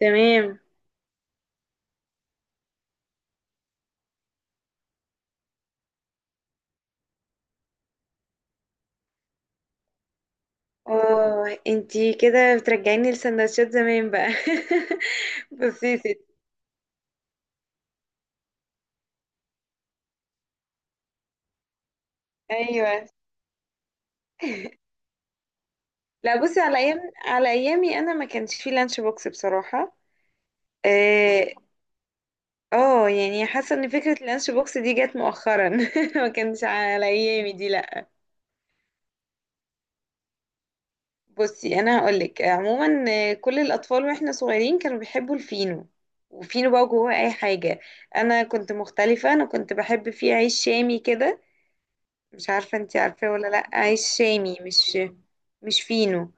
تمام. اه انتي كده بترجعيني لسندوتشات زمان بقى. بصي يا ستي. ايوه. لا، بصي على ايامي انا ما كانش في لانش بوكس بصراحه. اه. يعني حاسه ان فكره اللانش بوكس دي جت مؤخرا. ما كانش على ايامي دي، لا. بصي انا هقولك عموما. كل الاطفال واحنا صغيرين كانوا بيحبوا الفينو، وفينو بقى جواه اي حاجه. انا كنت مختلفه، انا كنت بحب فيه عيش شامي كده. مش عارفة انتي عارفاه ولا لأ؟ عيش شامي، مش، مش فينو.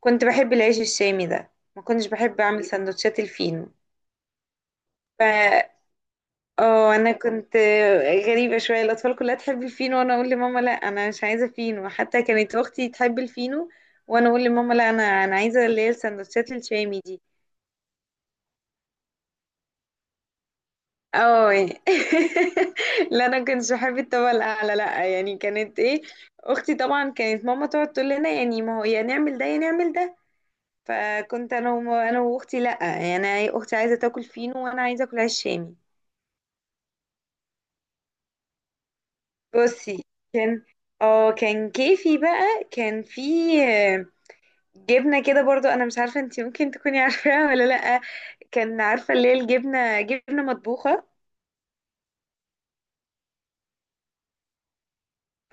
كنت بحب العيش الشامي ده، ما كنتش بحب أعمل سندوتشات الفينو. ف اه انا كنت غريبة شوية. الأطفال كلها تحب الفينو وانا اقول لماما لا انا مش عايزة فينو، حتى كانت اختي تحب الفينو وانا اقول لماما لا، انا عايزة اللي هي السندوتشات الشامي دي. اه يعني. لا، انا كنتش بحب الطبقة الأعلى، لا يعني، كانت ايه اختي. طبعا كانت ماما تقعد تقول لنا يعني، ما هو يا نعمل ده يا نعمل ده، فكنت انا انا واختي، لا يعني، أنا إيه، اختي عايزه تاكل فينو وانا عايزه اكل عيش شامي. بصي، كان اه كان كيفي بقى، كان في آه، جبنه كده برضو، انا مش عارفه انتي ممكن تكوني عارفاها ولا لا. كان عارفه اللي هي الجبنه، جبنه مطبوخه.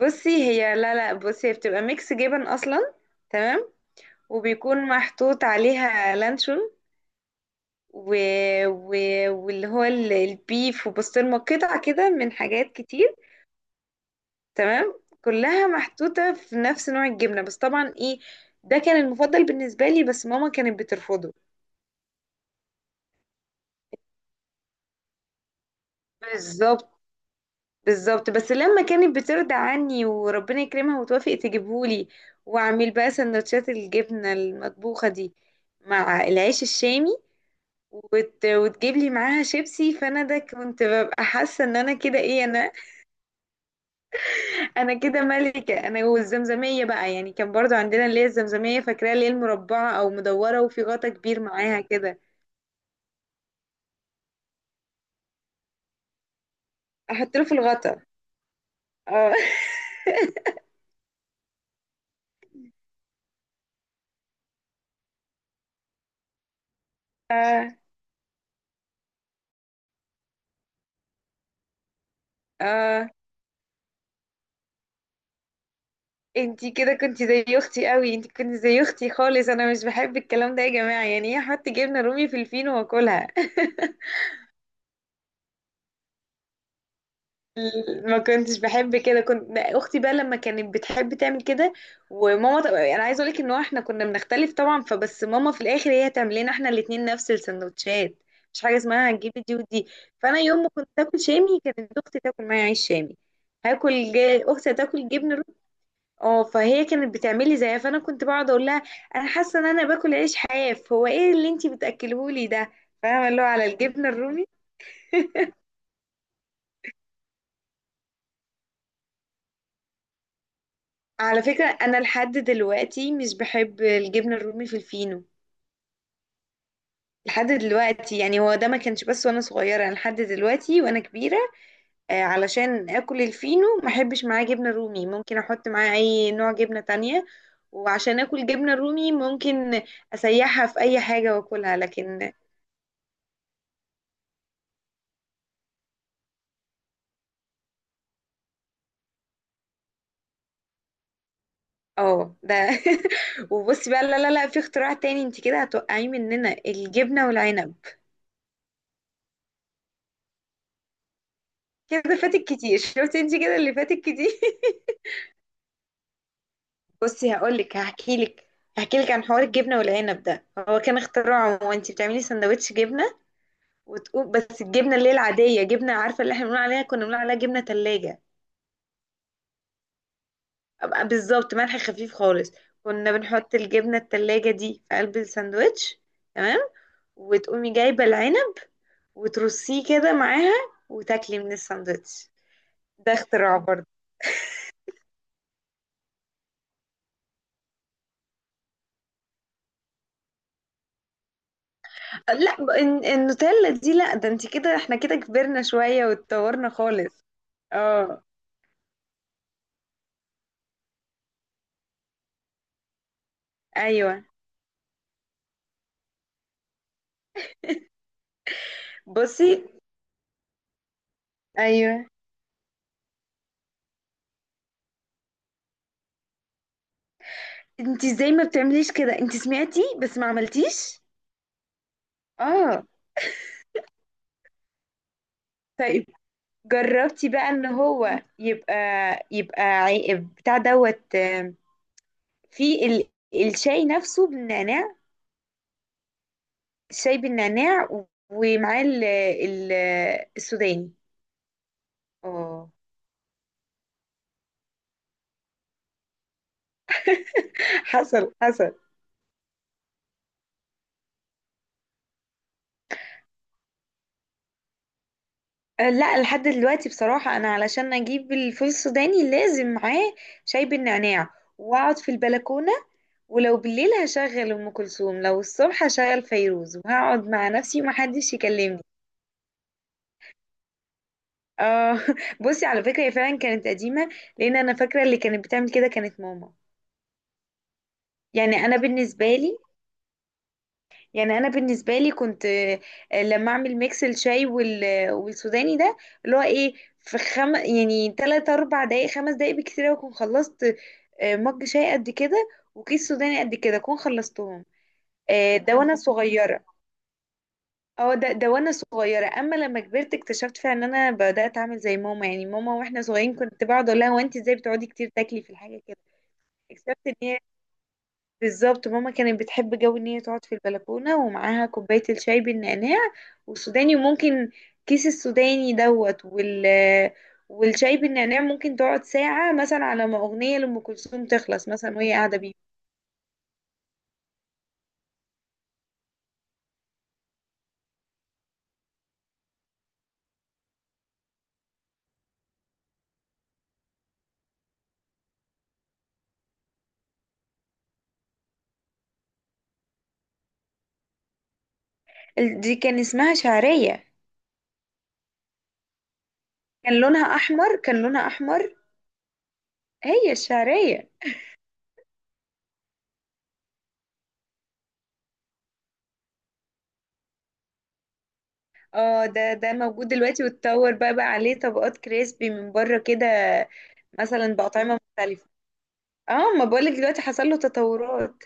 بصي هي، لا لا، بصي هي بتبقى ميكس جبن اصلا. تمام. وبيكون محطوط عليها لانشون و... و... واللي هو البيف وبسطرمه، قطع كده، من حاجات كتير. تمام، كلها محطوطة في نفس نوع الجبنة، بس طبعا ايه. ده كان المفضل بالنسبة لي، بس ماما كانت بترفضه. بالظبط، بالظبط. بس لما كانت بترضى عني وربنا يكرمها وتوافق تجيبهولي، واعمل بقى سندوتشات الجبنة المطبوخة دي مع العيش الشامي، وتجيب لي معاها شيبسي، فانا ده كنت ببقى حاسة ان انا كده ايه، انا كده ملكة. انا والزمزمية بقى، يعني كان برضو عندنا اللي هي الزمزمية، فاكراها؟ اللي هي المربعة او مدورة وفي غطا كبير معاها كده. احط له في الغطا. اه اه. اه، انتي كده كنتي زي اختي قوي، انتي كنتي زي اختي خالص. انا مش بحب الكلام ده يا جماعة، يعني ايه احط جبنة رومي في الفينو واكلها؟ ما كنتش بحب كده، كنت اختي بقى لما كانت بتحب تعمل كده. وماما انا عايزه اقولك ان هو احنا كنا بنختلف طبعا، فبس ماما في الاخر هي تعمل لنا احنا الاتنين نفس السندوتشات. مش حاجه اسمها هنجيب دي ودي. فانا يوم ما كنت اكل شامي كانت اختي تاكل معايا عيش شامي. اختي تاكل جبن روت. اه، فهي كانت بتعمل لي زيها، فانا كنت بقعد اقول لها، انا حاسه ان انا باكل عيش حاف، هو ايه اللي انتي بتاكلهولي ده؟ فاهمه؟ اللي هو على الجبنه الرومي. على فكرة أنا لحد دلوقتي مش بحب الجبنة الرومي في الفينو. لحد دلوقتي، يعني هو ده ما كانش بس وأنا صغيرة، أنا لحد دلوقتي وأنا كبيرة. علشان آكل الفينو ما أحبش معاه جبنة رومي، ممكن أحط معاه أي نوع جبنة تانية. وعشان آكل جبنة رومي، ممكن أسيحها في أي حاجة وآكلها، لكن. اه ده. وبصي بقى، لا لا لا، في اختراع تاني انت كده هتوقعيه مننا، الجبنة والعنب. كده فاتك كتير، شفتي انت كده اللي فاتك كتير. بصي هقول لك، هحكي لك عن حوار الجبنه والعنب ده. هو كان اختراعه، وانت بتعملي سندوتش جبنه، وتقوم بس الجبنه اللي هي العاديه، جبنه، عارفه اللي احنا بنقول عليها، كنا بنقول عليها جبنه تلاجة. أبقى بالظبط، ملح خفيف خالص. كنا بنحط الجبنه التلاجة دي في قلب الساندوتش، تمام، وتقومي جايبه العنب وترصيه كده معاها وتاكلي من الساندوتش. ده اختراع برضه. لا، النوتيلا دي، لا، ده انت كده، احنا كده كبرنا شويه واتطورنا خالص. اه. ايوه. بصي. ايوه. انت ازاي ما بتعمليش كده؟ انت سمعتي بس ما عملتيش. اه. طيب، جربتي بقى ان هو يبقى، بتاع دوت في الشاي نفسه بالنعناع. الشاي بالنعناع ومعاه السوداني. اه، حصل حصل. لا، لحد دلوقتي بصراحة انا علشان اجيب الفول السوداني لازم معاه شاي بالنعناع، واقعد في البلكونة، ولو بالليل هشغل ام كلثوم، لو الصبح هشغل فيروز، وهقعد مع نفسي ومحدش يكلمني. اه بصي على فكرة هي فعلا كانت قديمة، لان انا فاكرة اللي كانت بتعمل كده كانت ماما. يعني انا بالنسبة لي يعني انا بالنسبة لي كنت، لما اعمل ميكس الشاي والسوداني ده، اللي هو ايه، في يعني 3 4 دقايق 5 دقايق بكتير أوي اكون خلصت. مج شاي قد كده وكيس سوداني قد كده اكون خلصتهم. ده وانا صغيرة. اه، ده وانا صغيره. اما لما كبرت اكتشفت فعلا ان انا بدات اعمل زي ماما، يعني ماما واحنا صغيرين كنت بقعد اقول لها، هو انت ازاي بتقعدي كتير تاكلي في الحاجه كده؟ اكتشفت ان هي بالظبط ماما كانت بتحب جو ان هي تقعد في البلكونه ومعاها كوبايه الشاي بالنعناع والسوداني، وممكن كيس السوداني دوت والشاي بالنعناع ممكن تقعد ساعه مثلا على ما اغنيه لام كلثوم تخلص مثلا وهي قاعده بيه. دي كان اسمها شعريه. كان لونها احمر، كان لونها احمر. هي الشعريه. اه، ده موجود دلوقتي، واتطور بقى، عليه طبقات كريسبي من بره كده مثلا بأطعمة مختلفة. اه، ما بقولك دلوقتي حصل له تطورات.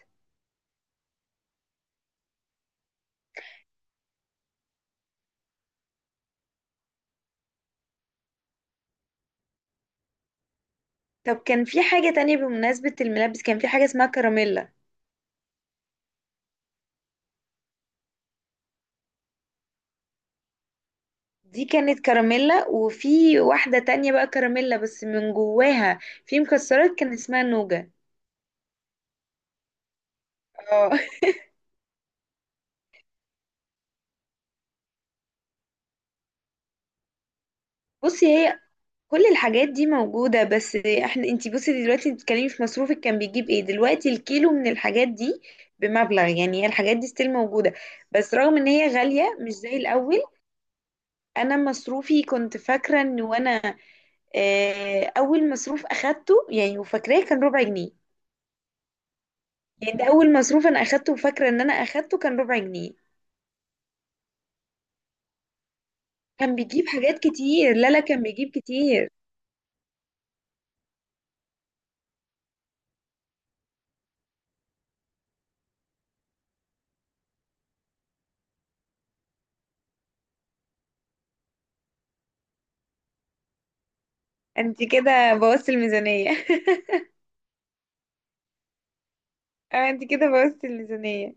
طب كان في حاجة تانية، بمناسبة الملابس كان في حاجة اسمها كراميلا. دي كانت كراميلا، وفي واحدة تانية بقى كراميلا، بس من جواها في مكسرات كان اسمها نوجا. اه. بصي هي كل الحاجات دي موجودة، بس احنا، انتي بصي دلوقتي بتتكلمي في مصروفك كان بيجيب ايه، دلوقتي الكيلو من الحاجات دي بمبلغ، يعني هي الحاجات دي ستيل موجودة، بس رغم ان هي غالية مش زي الأول. انا مصروفي كنت فاكرة ان وانا، اه، اول مصروف اخدته يعني وفاكراه كان ربع جنيه. يعني ده اول مصروف انا اخدته وفاكرة ان انا اخدته كان ربع جنيه. كان بيجيب حاجات كتير، لا لا، كان بيجيب كتير. انتي كده بوظتي الميزانية. اه، انتي كده بوظتي الميزانية.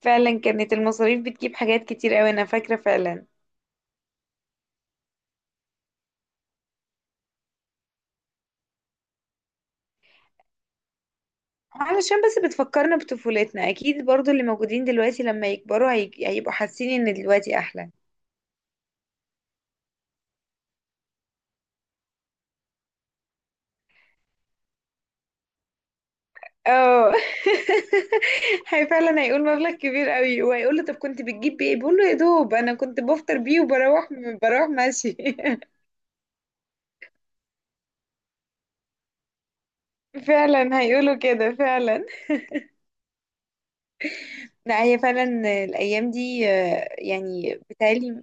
فعلا كانت المصاريف بتجيب حاجات كتير قوي، انا فاكرة فعلا. علشان بس بتفكرنا بطفولتنا اكيد، برضو اللي موجودين دلوقتي لما يكبروا هيبقوا حاسين ان دلوقتي احلى. اه. هي فعلا هيقول مبلغ كبير قوي، وهيقول له طب كنت بتجيب بيه إيه؟ بيقول له يا دوب انا كنت بفطر بيه وبروح ماشي. فعلا هيقولوا كده فعلا. لا هي فعلا الايام دي يعني بتالي.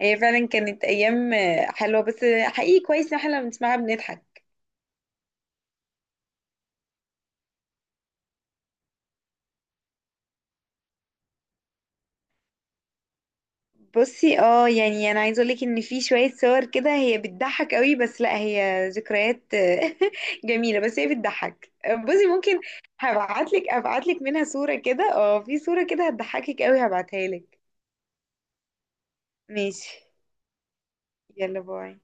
هي فعلا كانت ايام حلوة بس حقيقي كويس ان احنا لما بنسمعها بنضحك. بصي، اه يعني انا عايزه اقولك ان في شويه صور كده هي بتضحك قوي، بس لا هي ذكريات جميله، بس هي بتضحك. بصي ممكن، ابعتلك منها صوره كده، اه في صوره كده هتضحكك قوي هبعتها لك. ماشي. يلا باي.